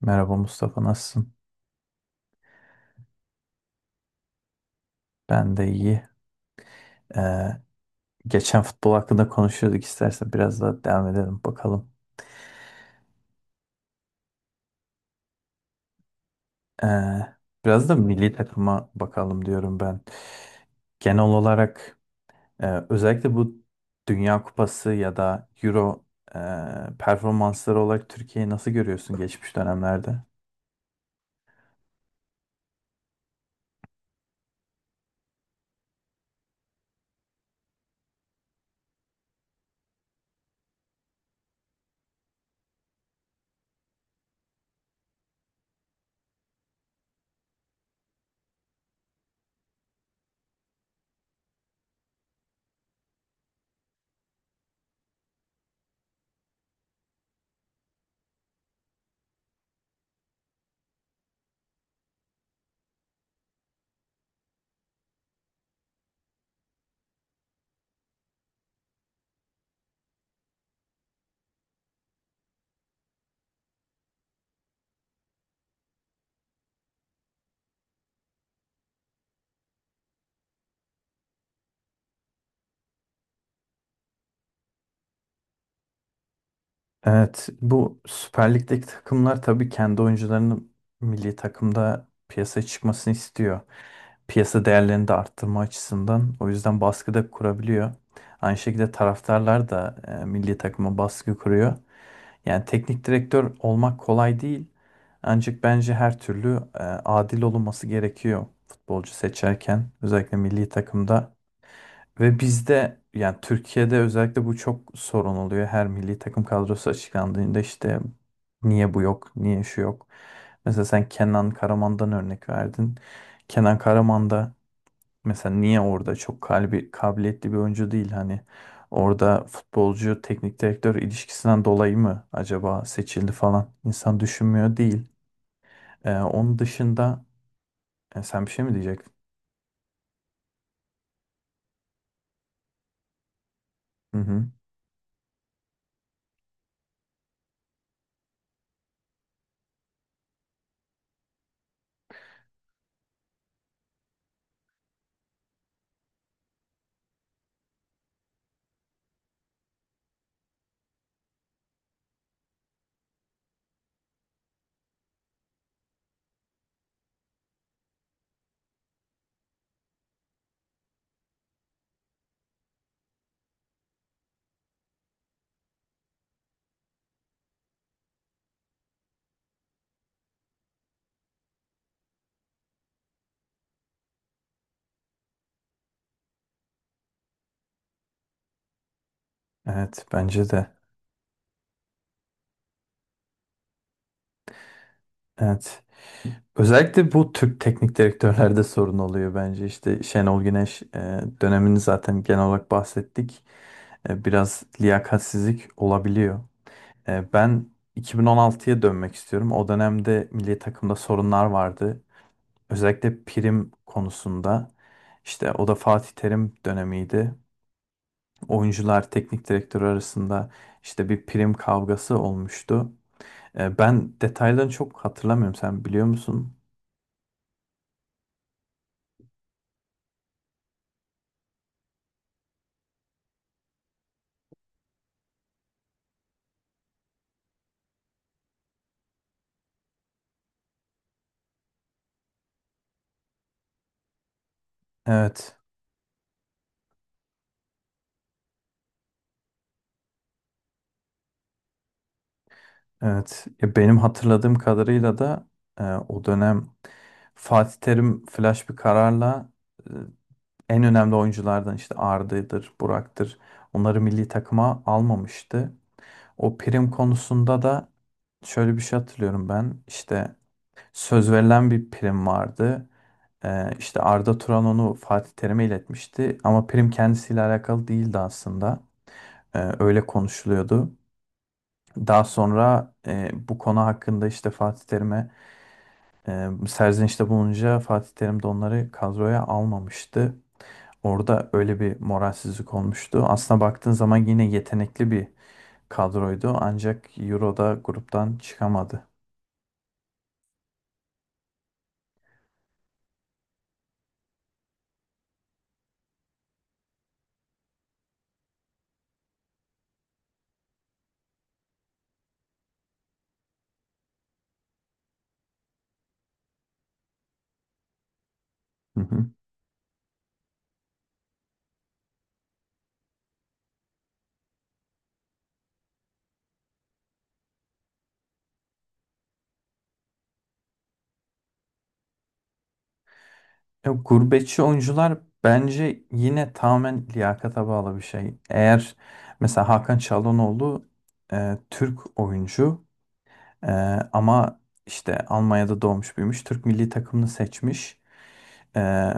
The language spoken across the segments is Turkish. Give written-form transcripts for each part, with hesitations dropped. Merhaba Mustafa, nasılsın? Ben de iyi. Ee, Geçen futbol hakkında konuşuyorduk, istersen biraz daha devam edelim bakalım. Ee, Biraz da milli takıma bakalım diyorum ben. Genel olarak özellikle bu Dünya Kupası ya da Euro performansları olarak Türkiye'yi nasıl görüyorsun geçmiş dönemlerde? Evet, bu Süper Lig'deki takımlar tabii kendi oyuncularının milli takımda piyasaya çıkmasını istiyor, piyasa değerlerini de arttırma açısından. O yüzden baskı da kurabiliyor. Aynı şekilde taraftarlar da milli takıma baskı kuruyor. Yani teknik direktör olmak kolay değil. Ancak bence her türlü adil olunması gerekiyor futbolcu seçerken. Özellikle milli takımda. Ve bizde, yani Türkiye'de özellikle bu çok sorun oluyor. Her milli takım kadrosu açıklandığında işte niye bu yok, niye şu yok. Mesela sen Kenan Karaman'dan örnek verdin. Kenan Karaman da mesela niye orada çok kalbi, kabiliyetli bir oyuncu değil, hani orada futbolcu teknik direktör ilişkisinden dolayı mı acaba seçildi falan insan düşünmüyor değil. Onun dışında, sen bir şey mi diyecektin? Hı hı. Evet, bence de. Evet. Özellikle bu Türk teknik direktörlerde sorun oluyor bence. İşte Şenol Güneş dönemini zaten genel olarak bahsettik. Biraz liyakatsizlik olabiliyor. Ben 2016'ya dönmek istiyorum. O dönemde milli takımda sorunlar vardı. Özellikle prim konusunda. İşte o da Fatih Terim dönemiydi. Oyuncular, teknik direktör arasında işte bir prim kavgası olmuştu. Ben detaylarını çok hatırlamıyorum. Sen biliyor musun? Evet, evet. Ya benim hatırladığım kadarıyla da o dönem Fatih Terim flash bir kararla en önemli oyunculardan işte Arda'dır, Burak'tır. Onları milli takıma almamıştı. O prim konusunda da şöyle bir şey hatırlıyorum ben. İşte söz verilen bir prim vardı. İşte Arda Turan onu Fatih Terim'e iletmişti. Ama prim kendisiyle alakalı değildi aslında. Öyle konuşuluyordu. Daha sonra bu konu hakkında işte Fatih Terim'e serzenişte bulununca Fatih Terim de onları kadroya almamıştı. Orada öyle bir moralsizlik olmuştu. Aslına baktığın zaman yine yetenekli bir kadroydu. Ancak Euro'da gruptan çıkamadı. Hı hı. Gurbetçi oyuncular bence yine tamamen liyakata bağlı bir şey. Eğer mesela Hakan Çalhanoğlu Türk oyuncu, e, ama işte Almanya'da doğmuş büyümüş. Türk milli takımını seçmiş. E,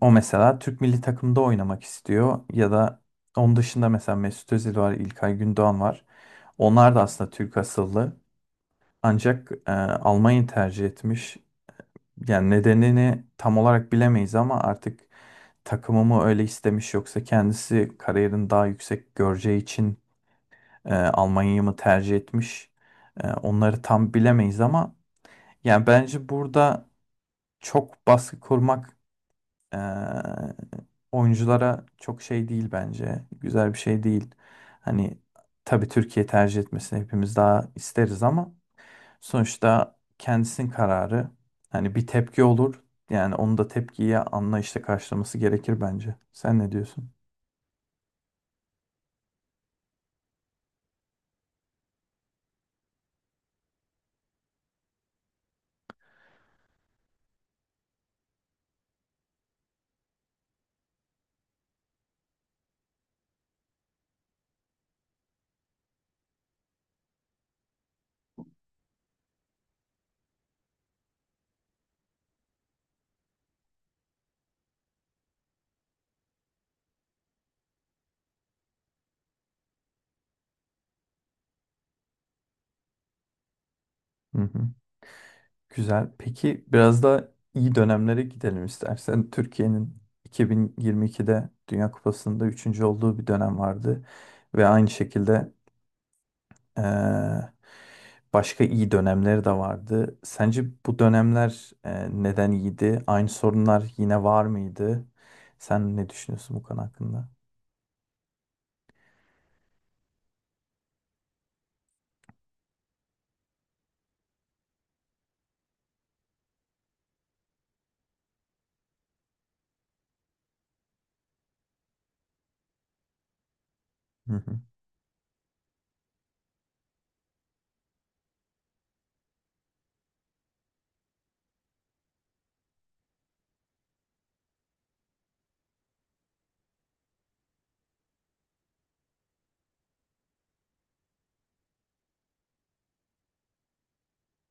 O mesela Türk milli takımda oynamak istiyor. Ya da onun dışında mesela Mesut Özil var, İlkay Gündoğan var. Onlar da aslında Türk asıllı. Ancak Almanya'yı tercih etmiş. Yani nedenini tam olarak bilemeyiz ama artık takımı mı öyle istemiş, yoksa kendisi kariyerini daha yüksek göreceği için Almanya'yı mı tercih etmiş? Onları tam bilemeyiz ama yani bence burada çok baskı kurmak e, oyunculara çok şey değil bence. Güzel bir şey değil. Hani tabii Türkiye tercih etmesini hepimiz daha isteriz ama sonuçta kendisinin kararı. Hani bir tepki olur. Yani onu da tepkiye anlayışla karşılaması gerekir bence. Sen ne diyorsun? Hı hı. Güzel. Peki biraz da iyi dönemlere gidelim istersen. Türkiye'nin 2022'de Dünya Kupası'nda üçüncü olduğu bir dönem vardı. Ve aynı şekilde, eee, başka iyi dönemleri de vardı. Sence bu dönemler neden iyiydi? Aynı sorunlar yine var mıydı? Sen ne düşünüyorsun bu konu hakkında?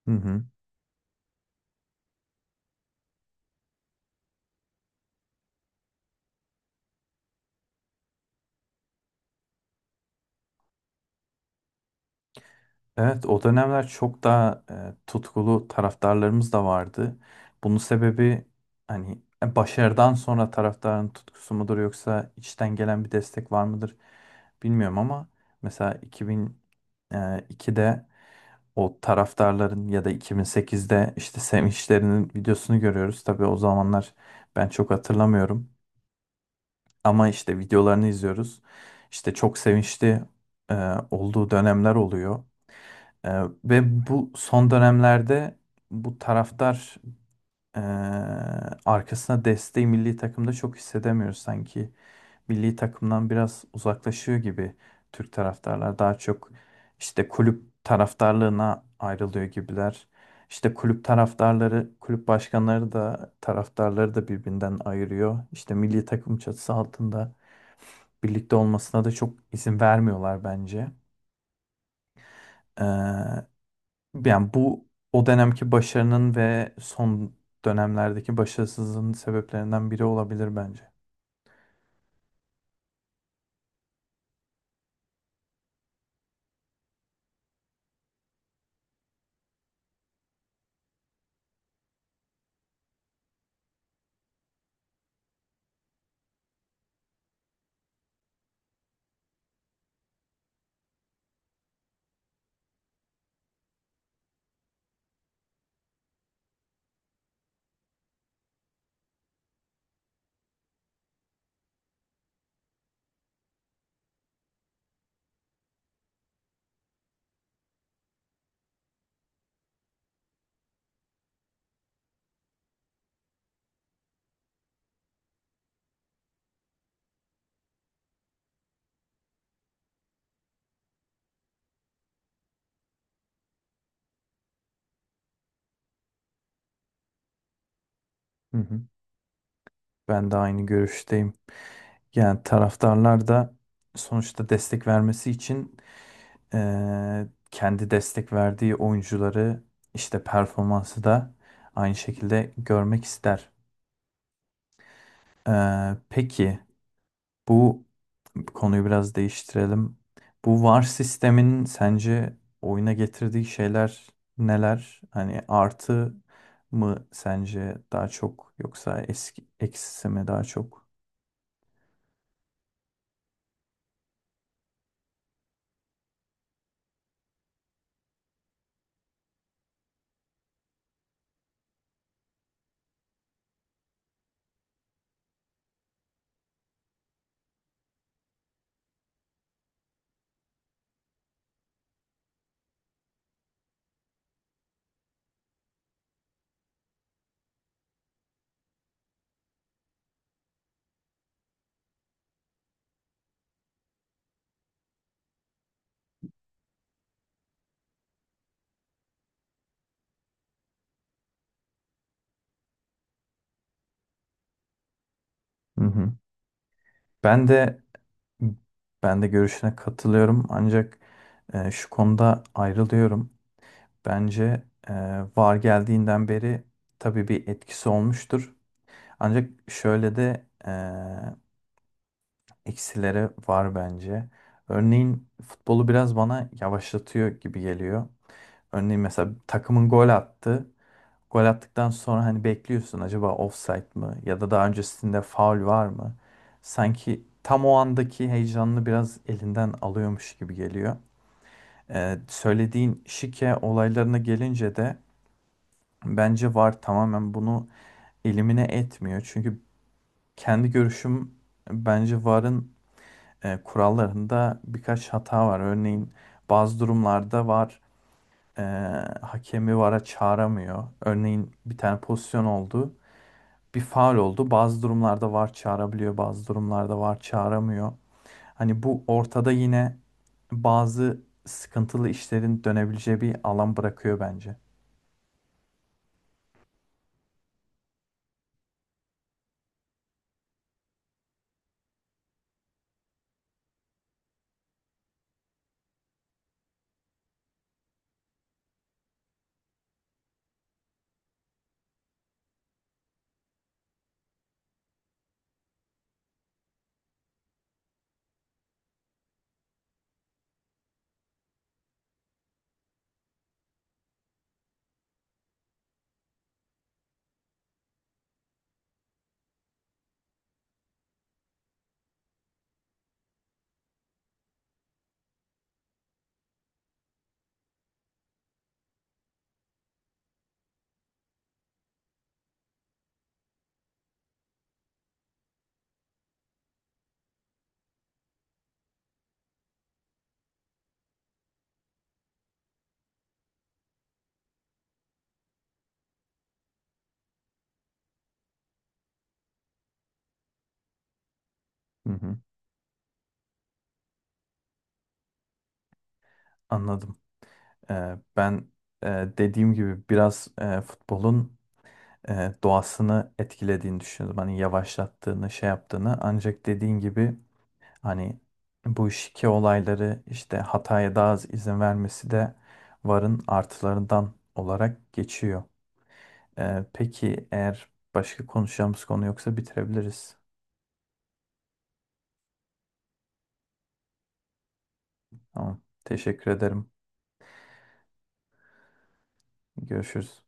Hı hı. Evet, o dönemler çok daha tutkulu taraftarlarımız da vardı. Bunun sebebi hani başarıdan sonra taraftarın tutkusu mudur, yoksa içten gelen bir destek var mıdır bilmiyorum ama mesela 2002'de o taraftarların ya da 2008'de işte sevinçlerinin videosunu görüyoruz. Tabii o zamanlar ben çok hatırlamıyorum ama işte videolarını izliyoruz. İşte çok sevinçli e, olduğu dönemler oluyor. Ve bu son dönemlerde bu taraftar ee, arkasına desteği milli takımda çok hissedemiyor sanki. Milli takımdan biraz uzaklaşıyor gibi, Türk taraftarlar daha çok işte kulüp taraftarlığına ayrılıyor gibiler. İşte kulüp taraftarları, kulüp başkanları da taraftarları da birbirinden ayırıyor. İşte milli takım çatısı altında birlikte olmasına da çok izin vermiyorlar bence. Ee, Yani bu o dönemki başarının ve son dönemlerdeki başarısızlığın sebeplerinden biri olabilir bence. Hı hı. Ben de aynı görüşteyim. Yani taraftarlar da sonuçta destek vermesi için, kendi destek verdiği oyuncuları işte performansı da aynı şekilde görmek ister. Peki bu, konuyu biraz değiştirelim. Bu VAR sistemin sence oyuna getirdiği şeyler neler? Hani artı mı sence daha çok, yoksa eski eksisi mi daha çok? Hı hı. Ben de Ben de görüşüne katılıyorum ancak şu konuda ayrılıyorum. Bence e, VAR geldiğinden beri tabii bir etkisi olmuştur. Ancak şöyle de eksileri var bence. Örneğin futbolu biraz bana yavaşlatıyor gibi geliyor. Örneğin mesela takımın gol attı. Gol attıktan sonra hani bekliyorsun, acaba offside mı ya da daha öncesinde faul var mı? Sanki tam o andaki heyecanını biraz elinden alıyormuş gibi geliyor. Söylediğin şike olaylarına gelince de bence VAR tamamen bunu elimine etmiyor. Çünkü kendi görüşüm, bence VAR'ın kurallarında birkaç hata var. Örneğin bazı durumlarda VAR e, hakemi VAR'a çağıramıyor. Örneğin bir tane pozisyon oldu, bir faul oldu. Bazı durumlarda VAR çağırabiliyor, bazı durumlarda VAR çağıramıyor. Hani bu ortada yine bazı sıkıntılı işlerin dönebileceği bir alan bırakıyor bence. Hı hı, anladım. Ben, e, dediğim gibi biraz futbolun doğasını etkilediğini düşünüyordum. Hani yavaşlattığını, şey yaptığını. Ancak dediğin gibi hani bu şike olayları işte hataya daha az izin vermesi de VAR'ın artılarından olarak geçiyor. Peki eğer başka konuşacağımız konu yoksa bitirebiliriz. Tamam. Teşekkür ederim. Görüşürüz.